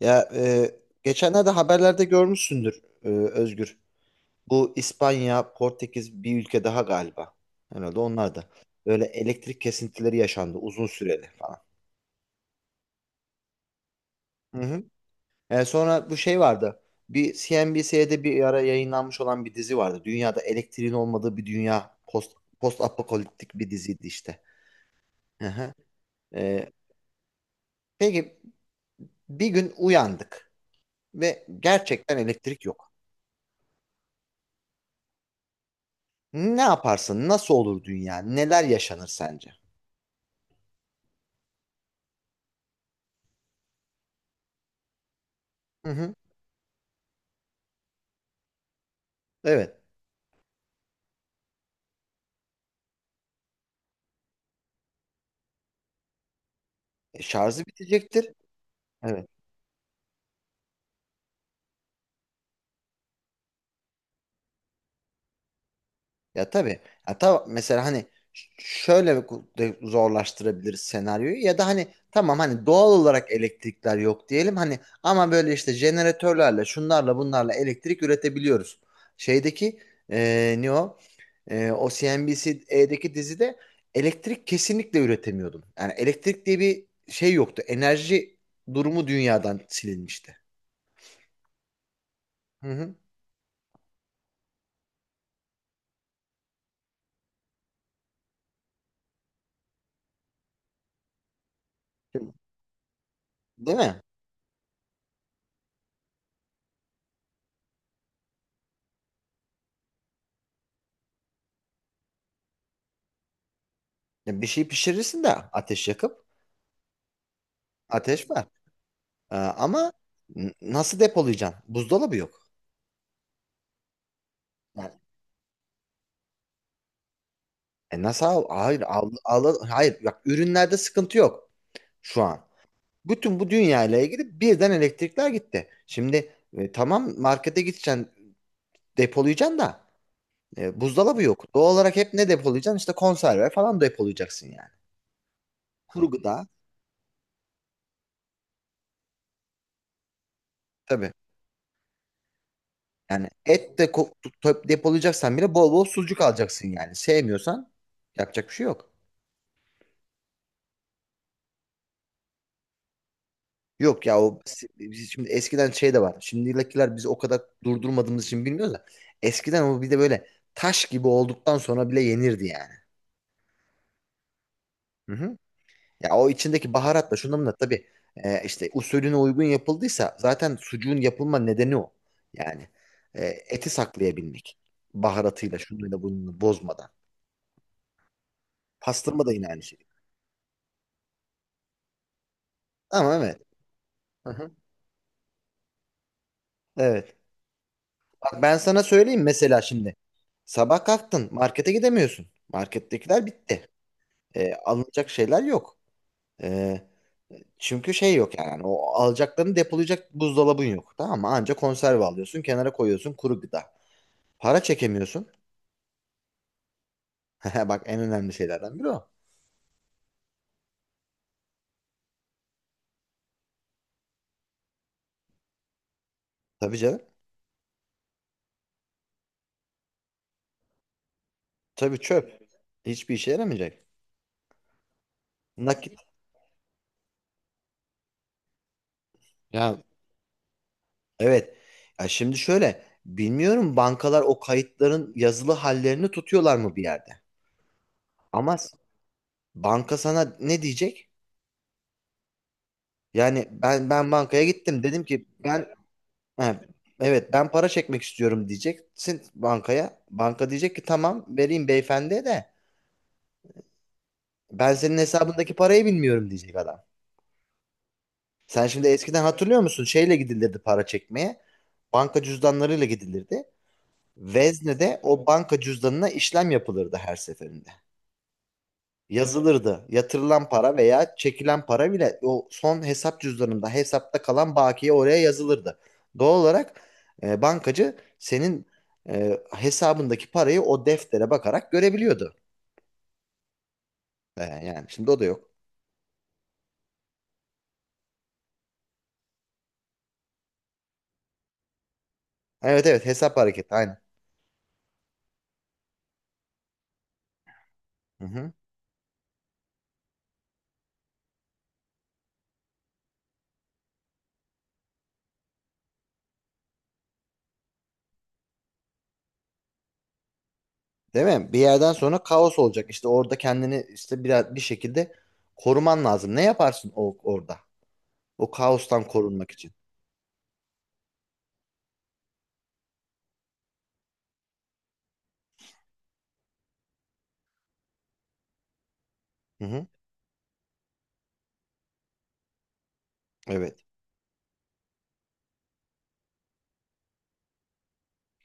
Ya, geçenlerde haberlerde görmüşsündür, Özgür. Bu İspanya, Portekiz bir ülke daha galiba. Herhalde onlar da. Böyle elektrik kesintileri yaşandı uzun süreli falan. Hı hı. Sonra bu şey vardı. Bir CNBC'de bir ara yayınlanmış olan bir dizi vardı. Dünyada elektriğin olmadığı bir dünya. Post apokaliptik bir diziydi işte. Hı hı. E, peki bir gün uyandık ve gerçekten elektrik yok. Ne yaparsın? Nasıl olur dünya? Neler yaşanır sence? Hı hı. Evet. Şarjı bitecektir. Evet. Ya tabii. Ya, mesela hani şöyle de zorlaştırabiliriz senaryoyu ya da hani tamam hani doğal olarak elektrikler yok diyelim hani ama böyle işte jeneratörlerle şunlarla bunlarla elektrik üretebiliyoruz. Şeydeki ne o? O CNBC'deki dizide elektrik kesinlikle üretemiyordun. Yani elektrik diye bir şey yoktu. Enerji durumu dünyadan silinmişti. Hı hı. Değil mi? Ya bir şey pişirirsin de ateş yakıp ateş var. Ama nasıl depolayacaksın? Buzdolabı yok. Yani, nasıl al? Hayır, hayır bak ürünlerde sıkıntı yok şu an. Bütün bu dünyayla ilgili birden elektrikler gitti. Şimdi tamam markete gideceksin depolayacaksın da buzdolabı yok. Doğal olarak hep ne depolayacaksın? İşte konserve falan depolayacaksın yani. Kuru gıda tabii. Yani et de depolayacaksan bile bol bol sucuk alacaksın yani. Sevmiyorsan yapacak bir şey yok. Yok ya o biz şimdi eskiden şey de var. Şimdikiler biz o kadar durdurmadığımız için bilmiyoruz da. Eskiden o bir de böyle taş gibi olduktan sonra bile yenirdi yani. Hı hı. Ya o içindeki baharatla şundan da tabii işte usulüne uygun yapıldıysa zaten sucuğun yapılma nedeni o. Yani eti saklayabilmek. Baharatıyla şunuyla bununla bozmadan. Pastırma da yine aynı şey. Ama evet. Hı hı. Evet. Bak ben sana söyleyeyim mesela şimdi. Sabah kalktın markete gidemiyorsun. Markettekiler bitti. Alınacak şeyler yok. E, çünkü şey yok yani o alacaklarını depolayacak buzdolabın yok. Tamam mı? Anca konserve alıyorsun kenara koyuyorsun kuru gıda. Para çekemiyorsun. Bak en önemli şeylerden biri o. Tabii canım. Tabii çöp. Hiçbir işe yaramayacak. Nakit. Ya evet. Ya şimdi şöyle bilmiyorum bankalar o kayıtların yazılı hallerini tutuyorlar mı bir yerde? Ama banka sana ne diyecek? Yani ben bankaya gittim dedim ki ben. Ha, evet ben para çekmek istiyorum diyeceksin bankaya. Banka diyecek ki tamam vereyim beyefendiye de ben senin hesabındaki parayı bilmiyorum diyecek adam. Sen şimdi eskiden hatırlıyor musun? Şeyle gidilirdi para çekmeye. Banka cüzdanlarıyla gidilirdi. Vezne'de o banka cüzdanına işlem yapılırdı her seferinde. Yazılırdı. Yatırılan para veya çekilen para bile o son hesap cüzdanında hesapta kalan bakiye oraya yazılırdı. Doğal olarak bankacı senin hesabındaki parayı o deftere bakarak görebiliyordu. Yani şimdi o da yok. Evet, evet, hesap hareketi aynen. Hı hı. Değil mi? Bir yerden sonra kaos olacak. İşte orada kendini işte biraz bir şekilde koruman lazım. Ne yaparsın o, orada? O kaostan korunmak için. Hı hı. Evet.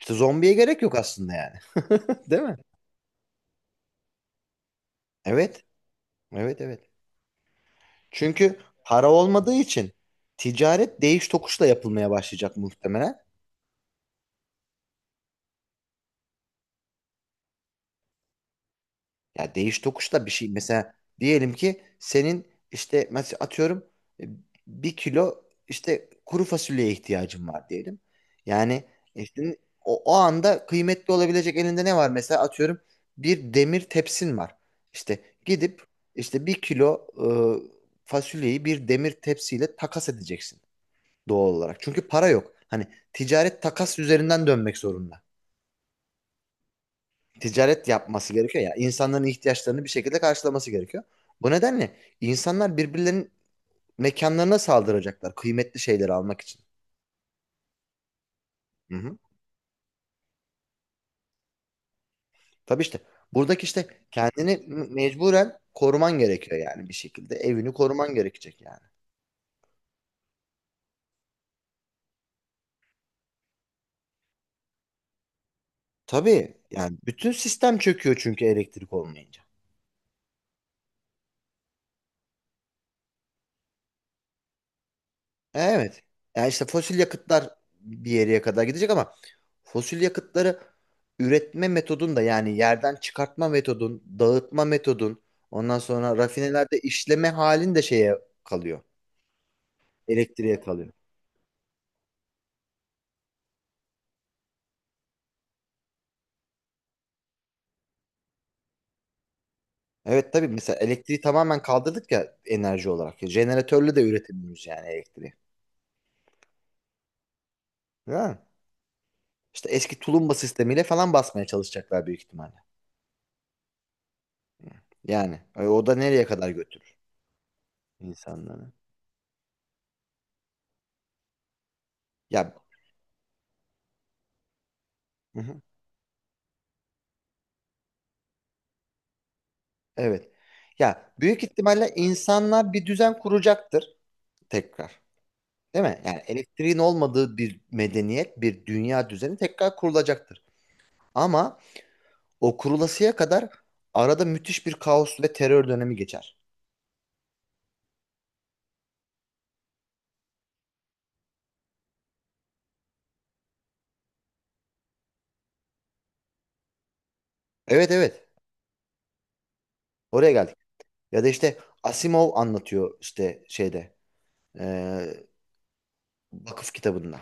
İşte zombiye gerek yok aslında yani. Değil mi? Evet. Evet, evet. Çünkü para olmadığı için ticaret değiş tokuşla yapılmaya başlayacak muhtemelen. Ya değiş tokuşla bir şey, mesela diyelim ki senin işte mesela atıyorum e, bir kilo işte kuru fasulyeye ihtiyacın var diyelim. Yani işte o anda kıymetli olabilecek elinde ne var, mesela atıyorum bir demir tepsin var. İşte gidip işte bir kilo fasulyeyi bir demir tepsiyle takas edeceksin, doğal olarak. Çünkü para yok. Hani ticaret takas üzerinden dönmek zorunda. Ticaret yapması gerekiyor ya. İnsanların ihtiyaçlarını bir şekilde karşılaması gerekiyor. Bu nedenle insanlar birbirlerinin mekanlarına saldıracaklar kıymetli şeyleri almak için. Hı hı. Tabii işte buradaki işte kendini mecburen koruman gerekiyor yani bir şekilde. Evini koruman gerekecek yani. Tabii yani bütün sistem çöküyor çünkü elektrik olmayınca. Evet. Yani işte fosil yakıtlar bir yere kadar gidecek ama fosil yakıtları üretme metodun da yani yerden çıkartma metodun, dağıtma metodun, ondan sonra rafinelerde işleme halin de şeye kalıyor. Elektriğe kalıyor. Evet, tabii, mesela elektriği tamamen kaldırdık ya, enerji olarak. Jeneratörle de üretemiyoruz yani elektriği. Ya. İşte eski tulumba sistemiyle falan basmaya çalışacaklar büyük ihtimalle. Yani o da nereye kadar götürür insanları? Ya. Hı hı. Evet. Ya büyük ihtimalle insanlar bir düzen kuracaktır tekrar. Değil mi? Yani elektriğin olmadığı bir medeniyet, bir dünya düzeni tekrar kurulacaktır. Ama o kurulasıya kadar arada müthiş bir kaos ve terör dönemi geçer. Evet, evet. Oraya geldik. Ya da işte Asimov anlatıyor işte şeyde, eee, vakıf kitabında.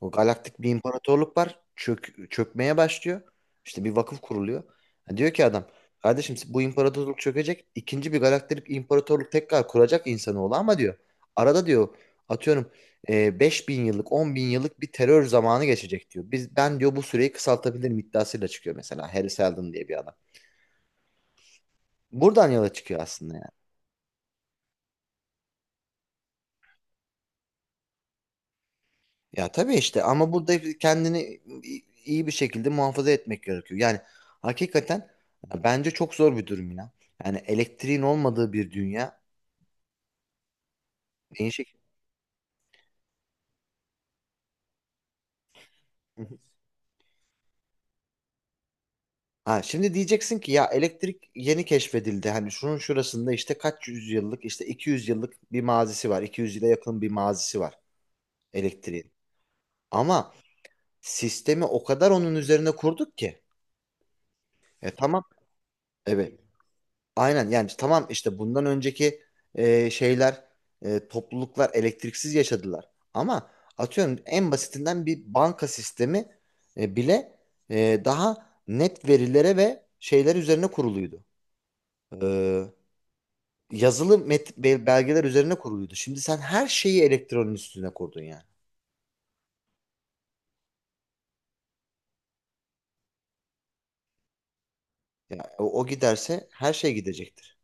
O galaktik bir imparatorluk var. Çökmeye başlıyor. İşte bir vakıf kuruluyor. Ha, diyor ki adam, kardeşim bu imparatorluk çökecek. İkinci bir galaktik imparatorluk tekrar kuracak insanoğlu ama diyor. Arada diyor atıyorum 5000 yıllık 10 bin yıllık bir terör zamanı geçecek diyor. Ben diyor bu süreyi kısaltabilirim iddiasıyla çıkıyor mesela. Harry Seldon diye bir adam. Buradan yola çıkıyor aslında. Ya tabii işte ama burada kendini iyi bir şekilde muhafaza etmek gerekiyor. Yani hakikaten bence çok zor bir durum ya. Yani elektriğin olmadığı bir dünya neyin şekli? Hı hı. Ha, şimdi diyeceksin ki ya elektrik yeni keşfedildi. Hani şunun şurasında işte kaç yüzyıllık, işte 200 yıllık bir mazisi var. 200 yıla yakın bir mazisi var elektriğin. Ama sistemi o kadar onun üzerine kurduk ki. Tamam. Evet. Aynen yani tamam işte bundan önceki şeyler topluluklar elektriksiz yaşadılar. Ama atıyorum en basitinden bir banka sistemi bile daha net verilere ve şeyler üzerine kuruluydu. E, yazılı belgeler üzerine kuruluydu. Şimdi sen her şeyi elektronun üstüne kurdun yani. Ya, o giderse her şey gidecektir.